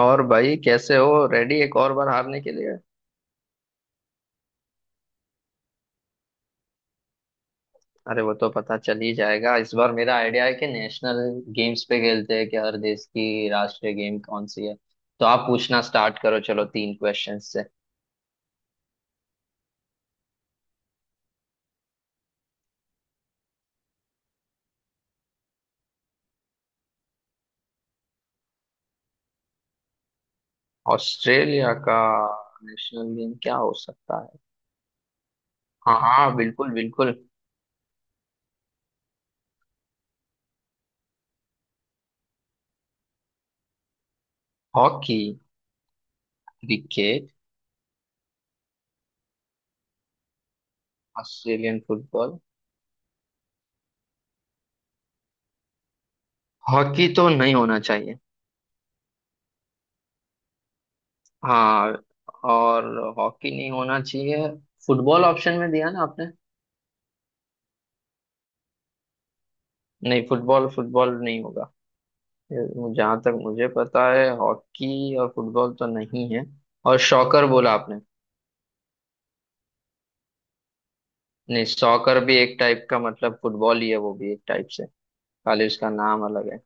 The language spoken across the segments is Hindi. और भाई कैसे हो, रेडी एक और बार हारने के लिए। अरे वो तो पता चल ही जाएगा। इस बार मेरा आइडिया है कि नेशनल गेम्स पे खेलते हैं, कि हर देश की राष्ट्रीय गेम कौन सी है। तो आप पूछना स्टार्ट करो, चलो 3 क्वेश्चन से। ऑस्ट्रेलिया का नेशनल गेम क्या हो सकता है। हाँ हाँ, बिल्कुल बिल्कुल। Hockey, cricket, Australian football. Hockey तो नहीं होना चाहिए। हाँ, और हॉकी नहीं होना चाहिए। फुटबॉल ऑप्शन में दिया ना आपने। नहीं, फुटबॉल फुटबॉल नहीं होगा। जहाँ तक मुझे पता है, हॉकी और फुटबॉल तो नहीं है। और शॉकर बोला आपने। नहीं, सॉकर भी एक टाइप का मतलब फुटबॉल ही है, वो भी एक टाइप से। खाली उसका नाम अलग है।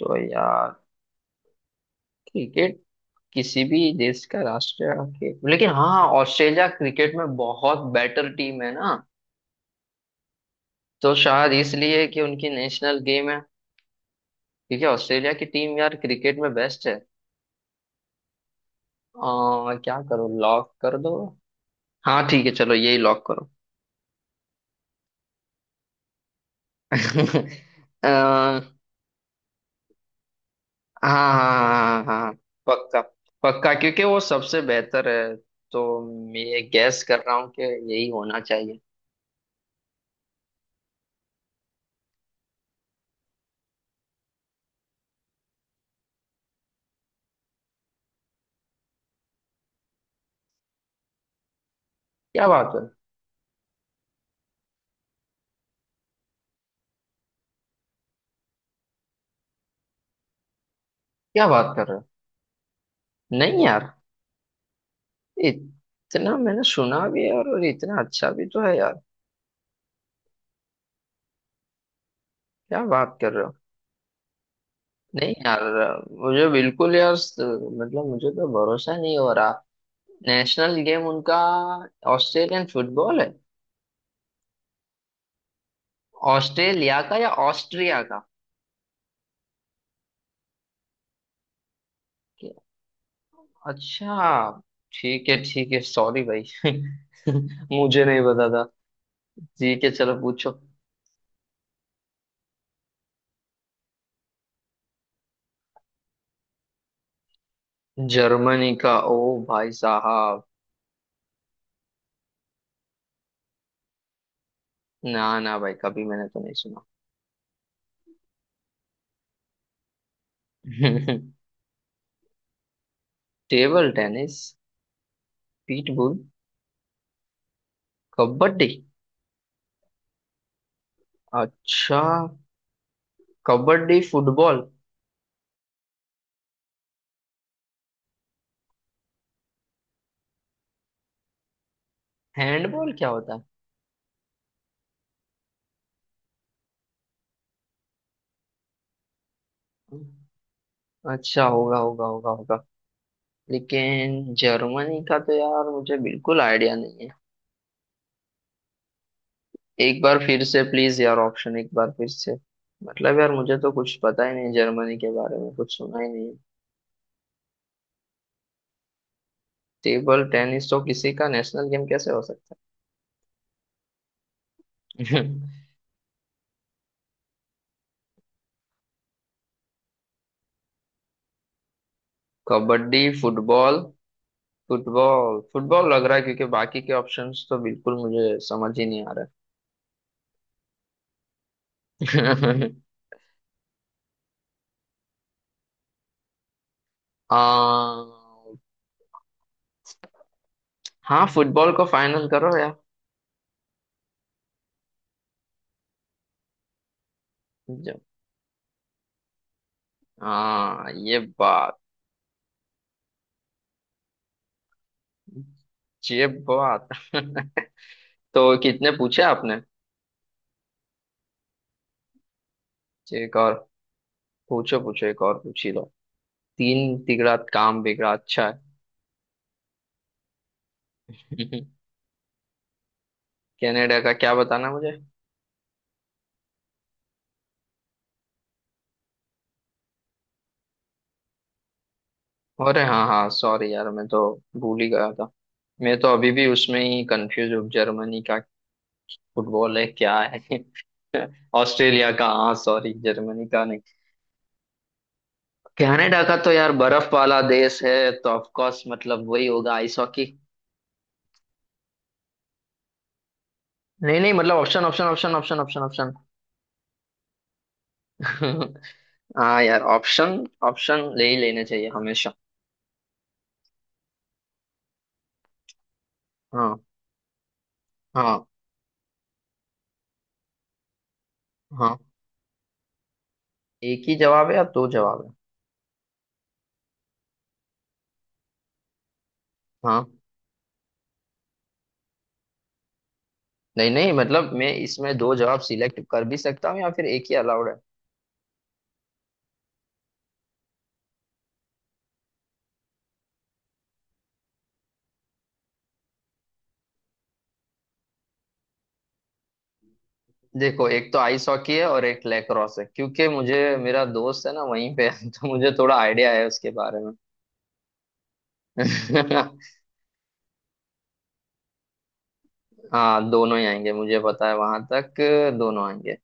तो यार क्रिकेट किसी भी देश का राष्ट्रीय खेल, लेकिन हाँ, ऑस्ट्रेलिया क्रिकेट में बहुत बेटर टीम है ना। तो शायद इसलिए कि उनकी नेशनल गेम है, क्योंकि ऑस्ट्रेलिया की टीम यार क्रिकेट में बेस्ट है। क्या करो, लॉक कर दो। हाँ ठीक है, चलो यही लॉक करो। हाँ, हाँ हाँ हाँ, पक्का। पक्का, क्योंकि वो सबसे बेहतर है। तो मैं ये गैस कर रहा हूँ कि यही होना चाहिए। क्या बात है। क्या बात कर रहे हो। नहीं यार, इतना मैंने सुना भी है और इतना अच्छा भी तो है यार। क्या बात कर रहे हो। नहीं यार, मुझे बिल्कुल यार मतलब मुझे तो भरोसा नहीं हो रहा। नेशनल गेम उनका ऑस्ट्रेलियन फुटबॉल है। ऑस्ट्रेलिया का या ऑस्ट्रिया का। अच्छा ठीक है ठीक है, सॉरी भाई। मुझे नहीं पता था। ठीक है चलो पूछो। जर्मनी का। ओ भाई साहब, ना ना भाई, कभी मैंने तो नहीं सुना। Table tennis. पीटबुल। कबड्डी। अच्छा। कबड्डी, फुटबॉल। हैंडबॉल क्या होता है। अच्छा, होगा होगा होगा होगा। लेकिन जर्मनी का तो यार मुझे बिल्कुल आइडिया नहीं है। एक बार फिर से प्लीज यार, ऑप्शन एक बार फिर से। मतलब यार, मुझे तो कुछ पता ही नहीं जर्मनी के बारे में, कुछ सुना ही नहीं। टेबल टेनिस तो किसी का नेशनल गेम कैसे हो सकता है। कबड्डी, फुटबॉल। फुटबॉल फुटबॉल लग रहा है, क्योंकि बाकी के ऑप्शंस तो बिल्कुल मुझे समझ ही नहीं आ रहा है। आ, हाँ फुटबॉल को फाइनल करो यार। ज- हाँ ये बात। ये बात। तो कितने पूछे आपने। एक और। पूछो पूछो, एक और पूछ ही लो। तीन तिगड़ा काम बिगड़ा, अच्छा है। कनाडा का क्या बताना मुझे। अरे हाँ हाँ, सॉरी यार, मैं तो भूल ही गया था। मैं तो अभी भी उसमें ही कंफ्यूज हूँ, जर्मनी का फुटबॉल है क्या है। ऑस्ट्रेलिया का, हाँ सॉरी जर्मनी का नहीं। कनाडा का तो यार बर्फ वाला देश है, तो ऑफ कोर्स मतलब वही होगा, आइस हॉकी। नहीं नहीं, मतलब option option option option option option. हाँ यार, ऑप्शन ऑप्शन ले ही लेने चाहिए हमेशा। हाँ हाँ हाँ। एक ही जवाब है या दो जवाब है। हाँ, नहीं नहीं, मतलब मैं इसमें दो जवाब सिलेक्ट कर भी सकता हूँ या फिर एक ही अलाउड है। देखो, एक तो आइस हॉकी है और एक लैक्रोस है, क्योंकि मुझे मेरा दोस्त है ना वहीं पे है, तो मुझे थोड़ा आइडिया है उसके बारे में। हाँ दोनों ही आएंगे, मुझे पता है वहां तक। दोनों आएंगे।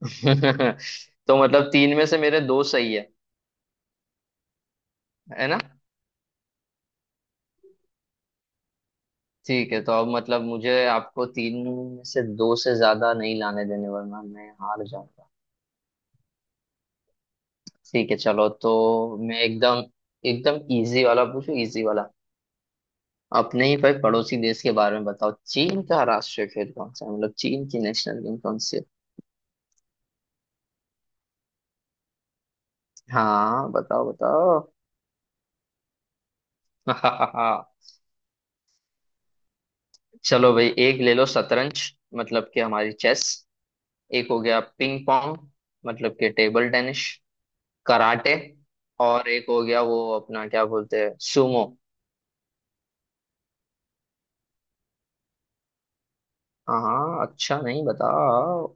तो मतलब 3 में से मेरे 2 सही है ना। ठीक है, तो अब मतलब मुझे आपको 3 में से 2 से ज्यादा नहीं लाने देने, वरना मैं हार जाऊंगा। ठीक है चलो, तो मैं एकदम एकदम इजी वाला पूछूं, इजी वाला। अपने ही भाई पड़ोसी देश के बारे में बताओ, चीन का राष्ट्रीय खेल कौन सा है, मतलब चीन की नेशनल गेम कौन सी है। हाँ बताओ बताओ। चलो भाई, एक ले लो शतरंज, मतलब कि हमारी चेस। एक हो गया पिंग पोंग, मतलब कि टेबल टेनिस। कराटे। और एक हो गया वो अपना क्या बोलते हैं, सुमो। हाँ हाँ, अच्छा नहीं, बताओ।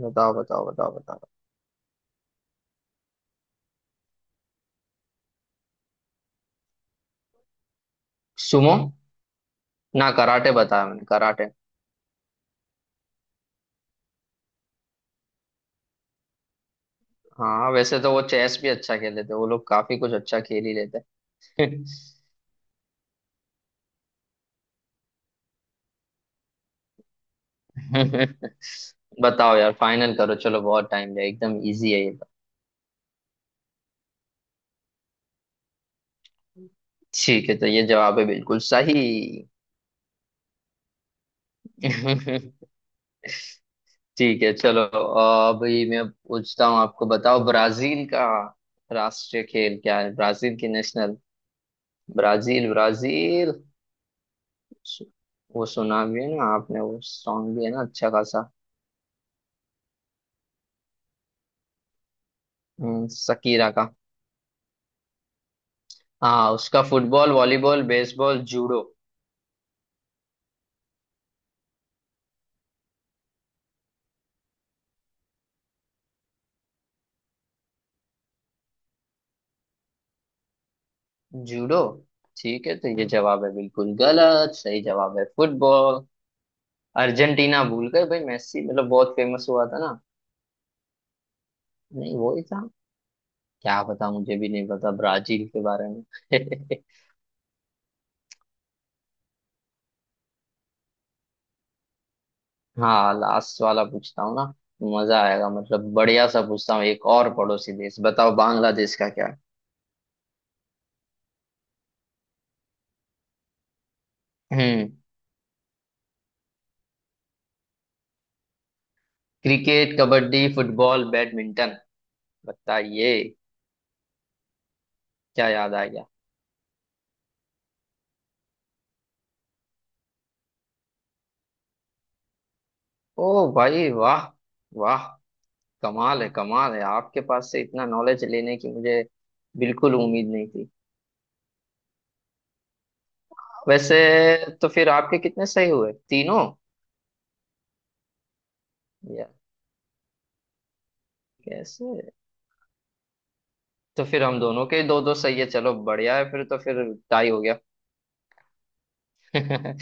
बताओ बताओ बताओ। बताओ सुमो, ना कराटे बताया मैंने, कराटे। हाँ वैसे तो वो चेस भी अच्छा खेले थे, वो लोग काफी कुछ अच्छा खेल ही लेते हैं। बताओ यार, फाइनल करो, चलो बहुत टाइम लिया, एकदम इजी है ये तो। ठीक है तो ये जवाब है बिल्कुल सही। ठीक है चलो, अभी मैं पूछता हूँ आपको, बताओ ब्राजील का राष्ट्रीय खेल क्या है, ब्राजील की नेशनल। Brazil Brazil. वो सुना भी है ना आपने, वो सॉन्ग भी है ना अच्छा खासा। शकीरा। हाँ उसका football, volleyball, baseball, judo. Judo. ठीक है तो ये जवाब है बिल्कुल गलत, सही जवाब है फुटबॉल। अर्जेंटीना भूल गए भाई, मेसी मतलब बहुत फेमस हुआ था ना। नहीं वो ही था। क्या पता, मुझे भी नहीं पता ब्राजील के बारे में। हाँ लास्ट वाला पूछता हूँ ना। मजा आएगा, मतलब बढ़िया सा पूछता हूँ, एक और पड़ोसी देश बताओ, बांग्लादेश का क्या है? हम्म। Cricket, kabaddi, football, badminton. बताइए। क्या याद आ गया। ओ भाई वाह। वाह, कमाल है, कमाल है, आपके पास से इतना नॉलेज लेने की मुझे बिल्कुल उम्मीद नहीं थी वैसे। तो फिर आपके कितने सही हुए, तीनों या? कैसे। तो फिर हम दोनों के 2-2 सही है, चलो बढ़िया है, फिर तो फिर टाई हो गया।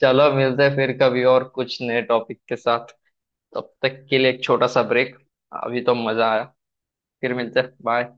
चलो मिलते हैं फिर कभी और कुछ नए टॉपिक के साथ। तब तक के लिए एक छोटा सा ब्रेक। अभी तो मजा आया। फिर मिलते हैं, बाय।